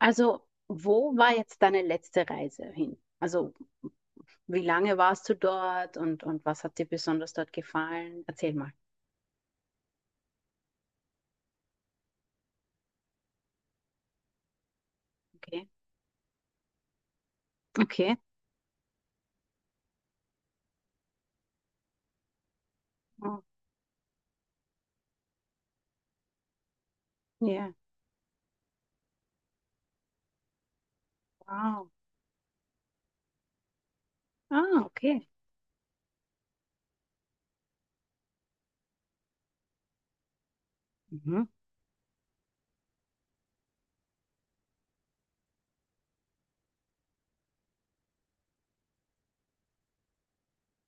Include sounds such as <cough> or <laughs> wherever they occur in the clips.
Also, wo war jetzt deine letzte Reise hin? Also, wie lange warst du dort und was hat dir besonders dort gefallen? Erzähl mal. Okay. Okay. Oh, ja. Wow. Ah, okay. Mhm.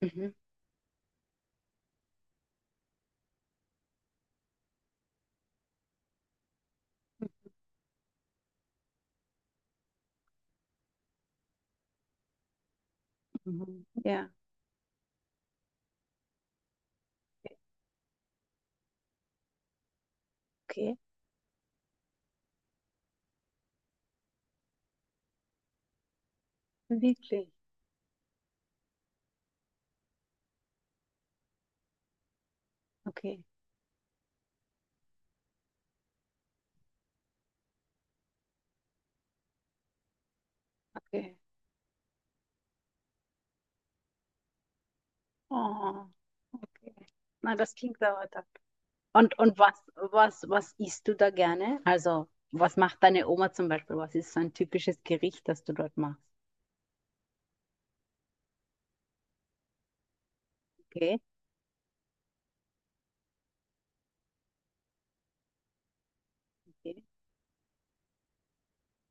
Mhm. Mhm. Ja, okay. Wirklich. Okay. Okay. Oh, okay. Na, das klingt aber toll. Und was, was, was isst du da gerne? Also, was macht deine Oma zum Beispiel? Was ist so ein typisches Gericht, das du dort machst? Okay. Okay.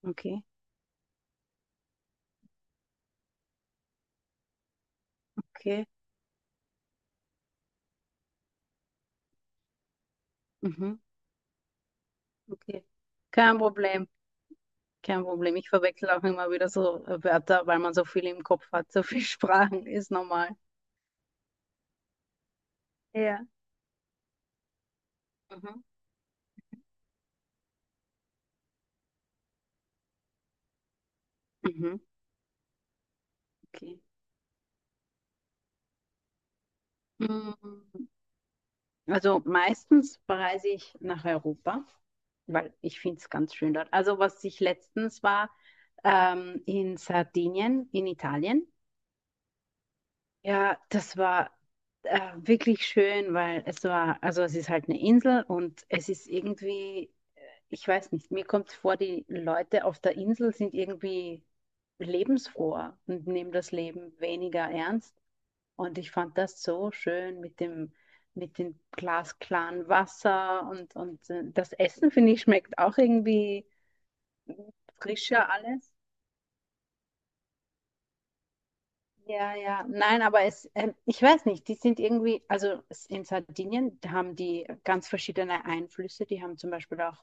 Okay. Okay. Mhm. Okay. Kein Problem, kein Problem. Ich verwechsel auch immer wieder so Wörter, weil man so viel im Kopf hat, so viele <laughs> Sprachen, ist normal. Ja. Mhm. Mhm. Okay. Mm, Also meistens reise ich nach Europa, weil ich finde es ganz schön dort. Also was ich letztens war, in Sardinien, in Italien. Ja, das war wirklich schön, weil es war, also es ist halt eine Insel und es ist irgendwie, ich weiß nicht, mir kommt vor, die Leute auf der Insel sind irgendwie lebensfroher und nehmen das Leben weniger ernst. Und ich fand das so schön mit dem glasklaren Wasser und das Essen, finde ich, schmeckt auch irgendwie frischer alles. Ja, ja, nein, aber es, ich weiß nicht, die sind irgendwie, also in Sardinien da haben die ganz verschiedene Einflüsse. Die haben zum Beispiel auch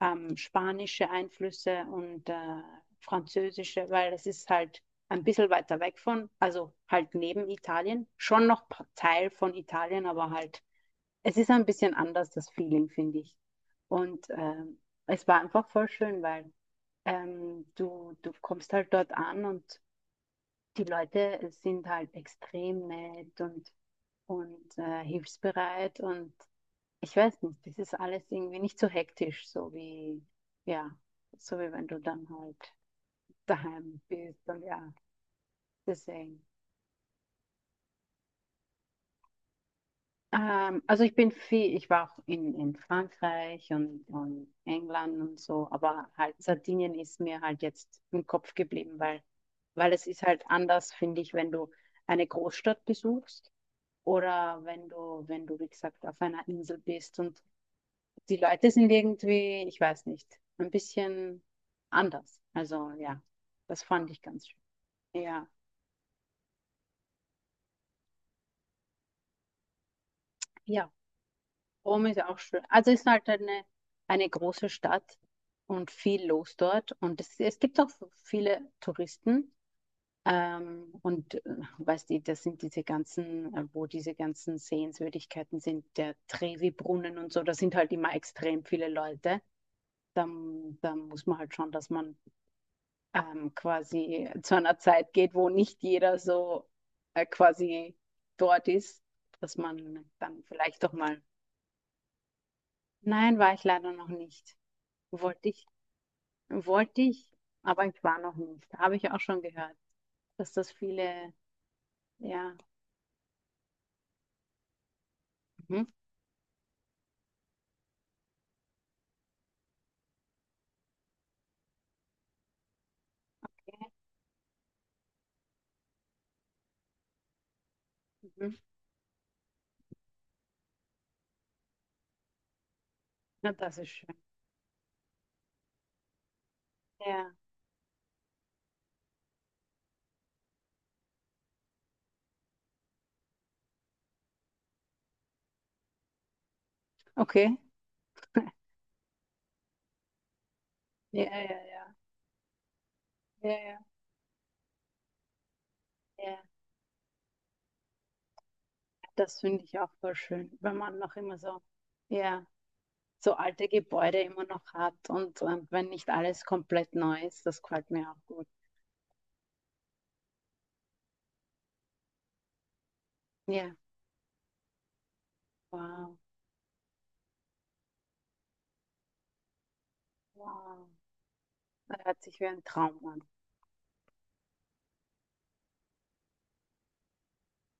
spanische Einflüsse und französische, weil es ist halt ein bisschen weiter weg von, also halt neben Italien, schon noch Teil von Italien, aber halt, es ist ein bisschen anders, das Feeling, finde ich. Und es war einfach voll schön, weil du kommst halt dort an und die Leute sind halt extrem nett und hilfsbereit und ich weiß nicht, das ist alles irgendwie nicht so hektisch, so wie, ja, so wie wenn du dann halt daheim bist und ja, deswegen. Also ich bin viel, ich war auch in Frankreich und England und so, aber halt Sardinien ist mir halt jetzt im Kopf geblieben, weil, weil es ist halt anders, finde ich, wenn du eine Großstadt besuchst. Oder wenn du, wenn du, wie gesagt, auf einer Insel bist und die Leute sind irgendwie, ich weiß nicht, ein bisschen anders. Also ja, das fand ich ganz schön. Ja, ja, Rom ist auch schön. Also es ist halt eine große Stadt und viel los dort. Und es gibt auch viele Touristen. Ähm, und äh, weißt du, das sind diese ganzen, wo diese ganzen Sehenswürdigkeiten sind, der Trevi-Brunnen und so, da sind halt immer extrem viele Leute. Dann muss man halt schon, dass man quasi zu einer Zeit geht, wo nicht jeder so quasi dort ist, dass man dann vielleicht doch mal, nein, war ich leider noch nicht. Wollte ich, wollte ich, aber ich war noch nicht. Habe ich auch schon gehört, dass das viele, ja, mhm, mhm. Na, das ist schön. Ja, okay. <laughs> Ja, ja, ja, ja, ja, ja. Das finde ich auch voll schön, wenn man noch immer so, ja, so alte Gebäude immer noch hat und, wenn nicht alles komplett neu ist, das gefällt mir auch gut. Ja, wow, wow. Das hört sich wie ein Traum an.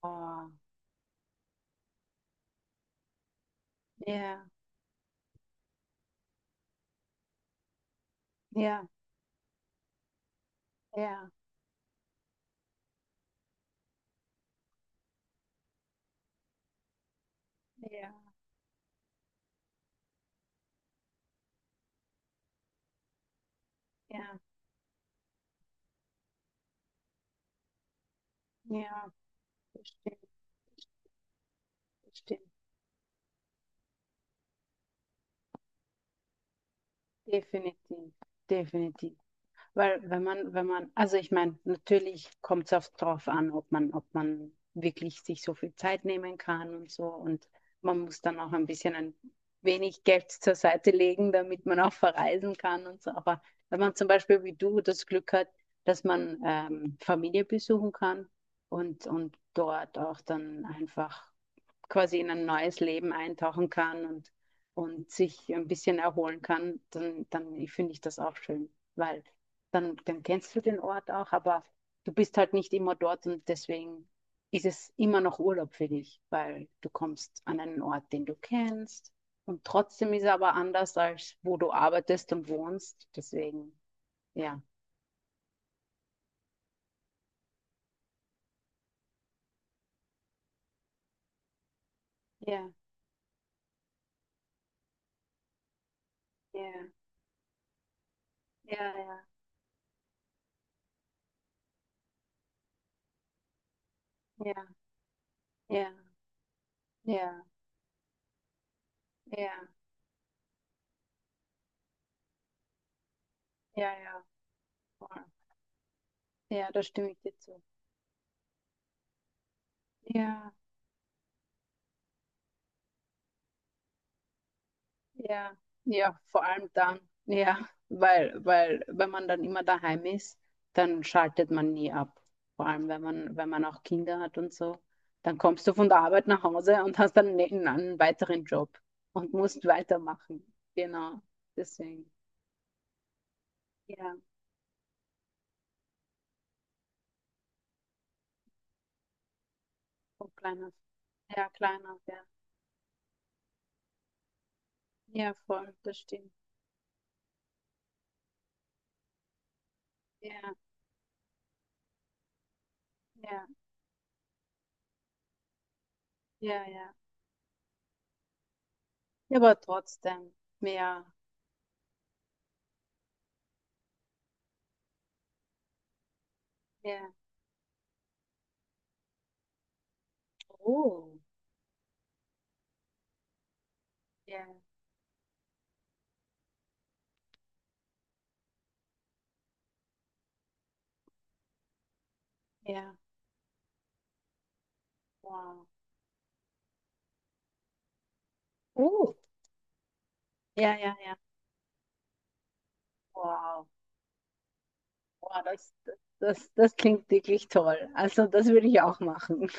Wow. Ja, ja, ja, ja, ja, ja, bestimmt, bestimmt. Definitiv, definitiv. Weil wenn man, wenn man, also ich meine, natürlich kommt es auch darauf an, ob man wirklich sich so viel Zeit nehmen kann und so. Und man muss dann auch ein bisschen ein wenig Geld zur Seite legen, damit man auch verreisen kann und so. Aber wenn man zum Beispiel wie du das Glück hat, dass man Familie besuchen kann und dort auch dann einfach quasi in ein neues Leben eintauchen kann und sich ein bisschen erholen kann, dann finde ich das auch schön, weil dann kennst du den Ort auch, aber du bist halt nicht immer dort und deswegen ist es immer noch Urlaub für dich, weil du kommst an einen Ort, den du kennst und trotzdem ist er aber anders, als wo du arbeitest und wohnst. Deswegen, ja. Ja, ja, ja, ja, ja, ja, ja, ja, ja, ja, voll. Ja, da stimme ich dir zu. Ja, ja, ja, vor allem dann, ja, weil, weil, wenn man dann immer daheim ist, dann schaltet man nie ab. Vor allem, wenn man auch Kinder hat und so, dann kommst du von der Arbeit nach Hause und hast dann einen weiteren Job und musst weitermachen. Genau, deswegen, ja, voll kleiner, ja, ja, voll, das stimmt. Ja, ja, ja, ja, ja, aber trotzdem, mehr, ja, oh, ja, ja, wow. Oh. Ja, ja, ja. Wow. Wow, das klingt wirklich toll. Also das würde ich auch machen.